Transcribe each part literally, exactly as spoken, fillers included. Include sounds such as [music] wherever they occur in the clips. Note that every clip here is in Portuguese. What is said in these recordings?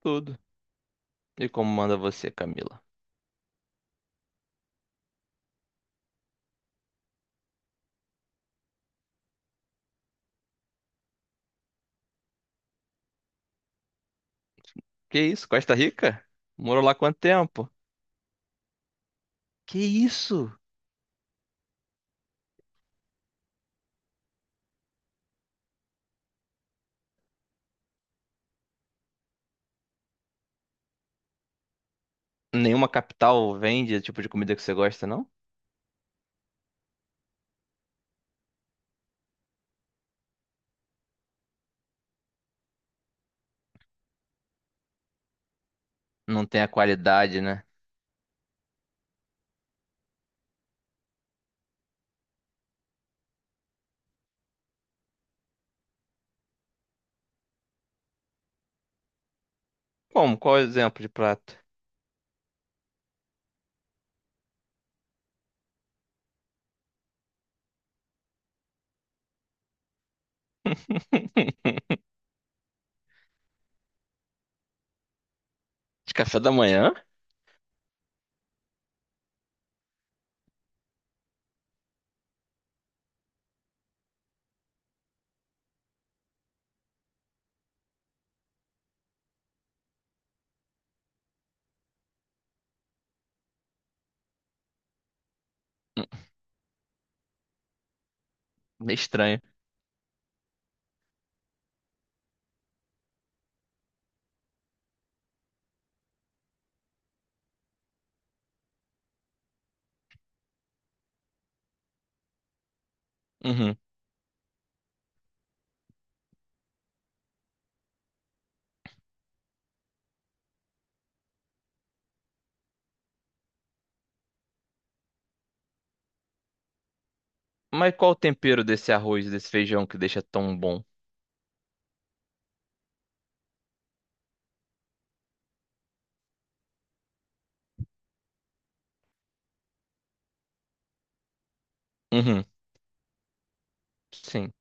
Tudo. E como manda você, Camila? Que isso? Costa Rica? Morou lá quanto tempo? Que isso? Nenhuma capital vende o tipo de comida que você gosta, não? Não tem a qualidade, né? Como? Qual é o exemplo de prato? [laughs] De café da manhã? Hum, Meio estranho. Uhum. Mas qual o tempero desse arroz, desse feijão que deixa tão bom? Uhum. Sim.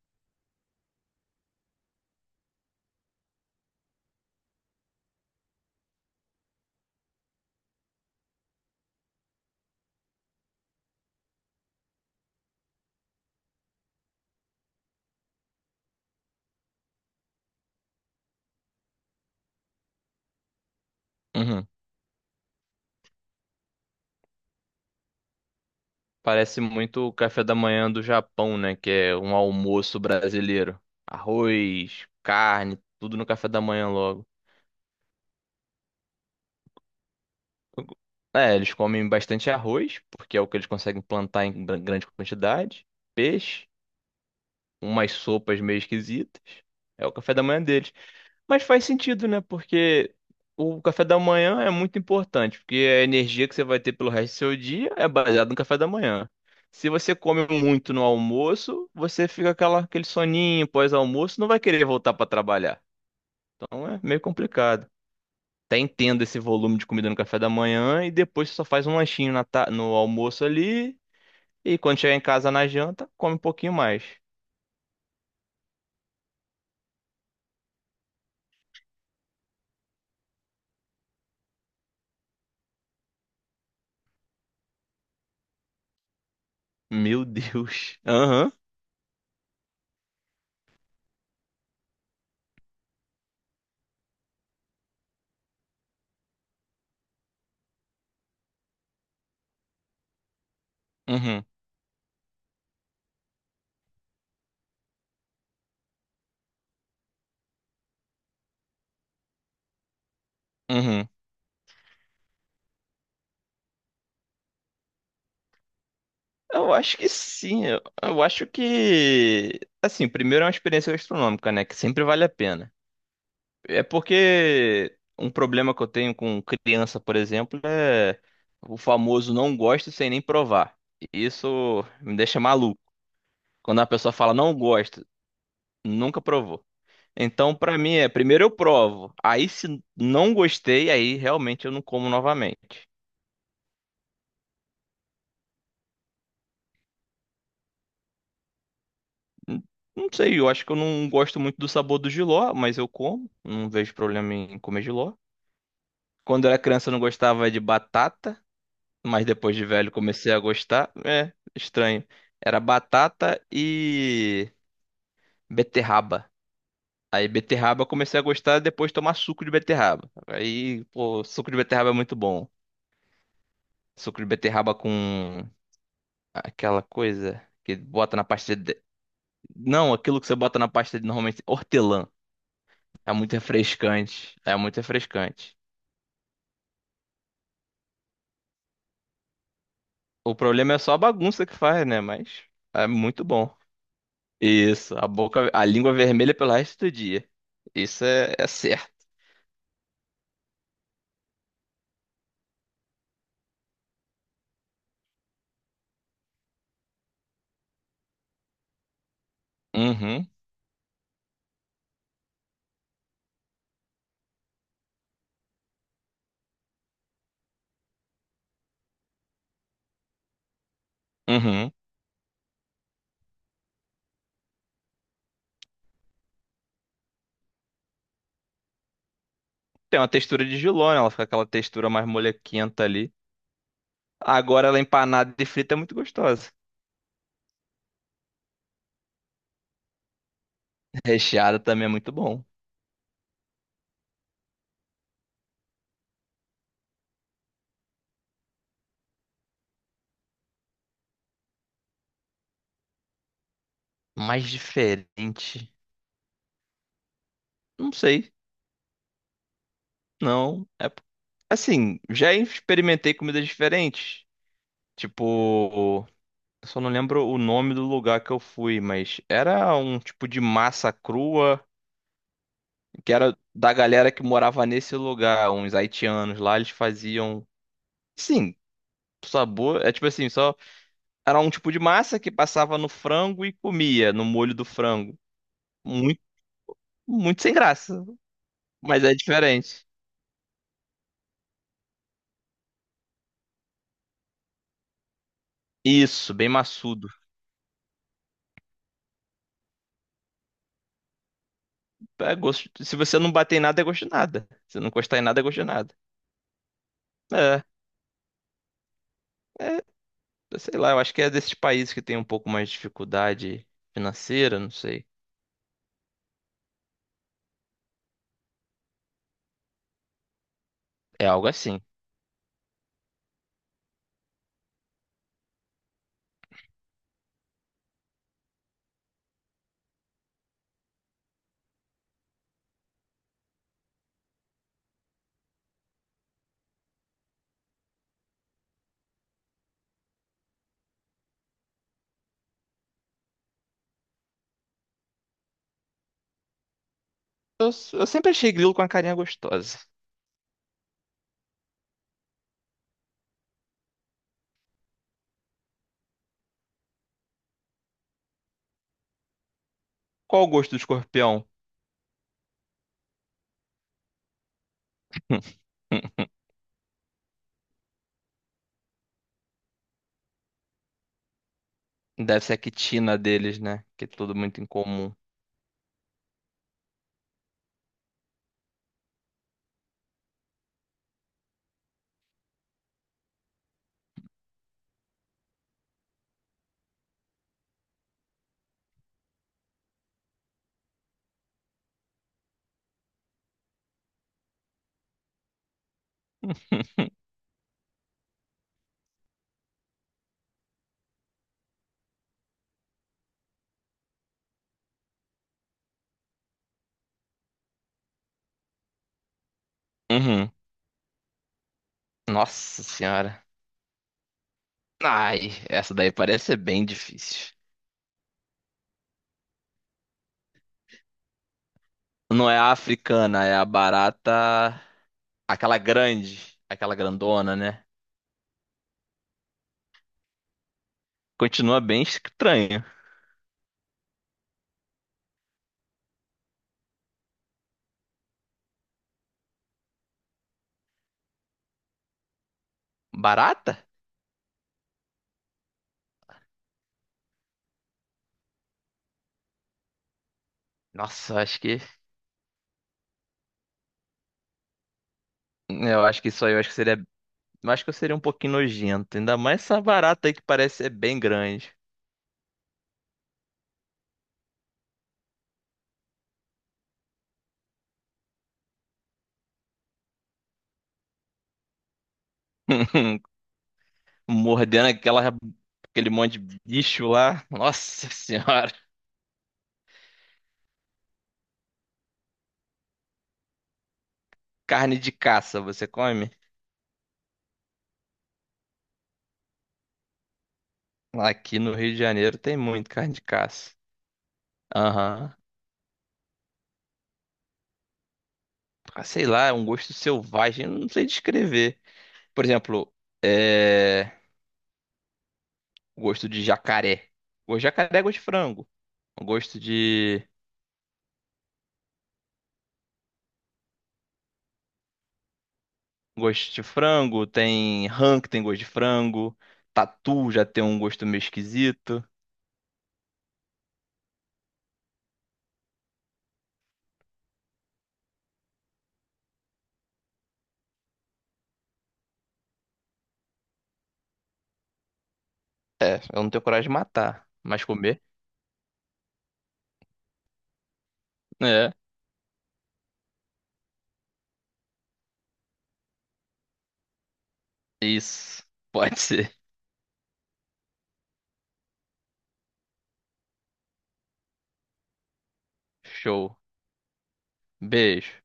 Uhum. Parece muito o café da manhã do Japão, né? Que é um almoço brasileiro. Arroz, carne, tudo no café da manhã logo. É, eles comem bastante arroz, porque é o que eles conseguem plantar em gran- grande quantidade. Peixe. Umas sopas meio esquisitas. É o café da manhã deles. Mas faz sentido, né? Porque o café da manhã é muito importante, porque a energia que você vai ter pelo resto do seu dia é baseada no café da manhã. Se você come muito no almoço, você fica aquela, aquele soninho pós-almoço, não vai querer voltar para trabalhar. Então é meio complicado. Até entendo esse volume de comida no café da manhã e depois você só faz um lanchinho na ta- no almoço ali e quando chegar em casa na janta, come um pouquinho mais. Meu Deus. Uhum, uhum. Eu acho que sim. Eu, eu acho que. Assim, primeiro é uma experiência gastronômica, né? Que sempre vale a pena. É porque um problema que eu tenho com criança, por exemplo, é o famoso não gosto sem nem provar. Isso me deixa maluco. Quando a pessoa fala não gosto, nunca provou. Então, pra mim, é primeiro eu provo. Aí, se não gostei, aí realmente eu não como novamente. Hum, Não sei, eu acho que eu não gosto muito do sabor do jiló, mas eu como. Não vejo problema em comer jiló. Quando eu era criança eu não gostava de batata, mas depois de velho comecei a gostar. É, estranho. Era batata e beterraba. Aí beterraba eu comecei a gostar depois de tomar suco de beterraba. Aí, pô, suco de beterraba é muito bom. Suco de beterraba com aquela coisa que bota na pasta de... Não, aquilo que você bota na pasta de normalmente hortelã. É muito refrescante. É muito refrescante. O problema é só a bagunça que faz, né? Mas é muito bom. Isso, a boca, a língua vermelha pelo resto do dia. Isso é, é certo. Uhum, uhum. Tem uma textura de jiló, né? Ela fica aquela textura mais molequenta ali. Agora ela empanada e frita é muito gostosa. [laughs] Recheada também é muito bom. Mais diferente. Não sei. Não. É... Assim, já experimentei comidas diferentes. Tipo. Eu só não lembro o nome do lugar que eu fui, mas era um tipo de massa crua, que era da galera que morava nesse lugar, uns haitianos lá, eles faziam. Sim, sabor. É tipo assim, só. Era um tipo de massa que passava no frango e comia, no molho do frango. Muito, muito sem graça, mas é diferente. Isso, bem maçudo. É gosto... Se você não bater em nada, é gosto de nada. Se não encostar em nada, é gosto de nada. É. É, sei lá, eu acho que é desses países que tem um pouco mais de dificuldade financeira, não sei. É algo assim. Eu, s- eu sempre achei grilo com a carinha gostosa. Qual o gosto do escorpião? [laughs] Deve ser a quitina deles, né? Que é tudo muito incomum. [laughs] Uhum. Nossa senhora. Ai, essa daí parece ser bem difícil. Não é a africana, é a barata. Aquela grande. Aquela grandona, né? Continua bem estranho. Barata? Nossa, eu acho que. Eu acho que isso aí eu acho que seria. Eu acho que eu seria um pouquinho nojento. Ainda mais essa barata aí que parece ser bem grande. [laughs] Mordendo aquela, aquele monte de bicho lá. Nossa senhora. [laughs] Carne de caça, você come? Aqui no Rio de Janeiro tem muito carne de caça. Aham. Ah, sei lá, é um gosto selvagem, eu não sei descrever. Por exemplo, é... gosto de jacaré. O jacaré é gosto de frango. Gosto de gosto de frango, tem rã que tem gosto de frango, tatu já tem um gosto meio esquisito. É, eu não tenho coragem de matar, mas comer. É, isso. [laughs] Pode ser. Show. Beijo.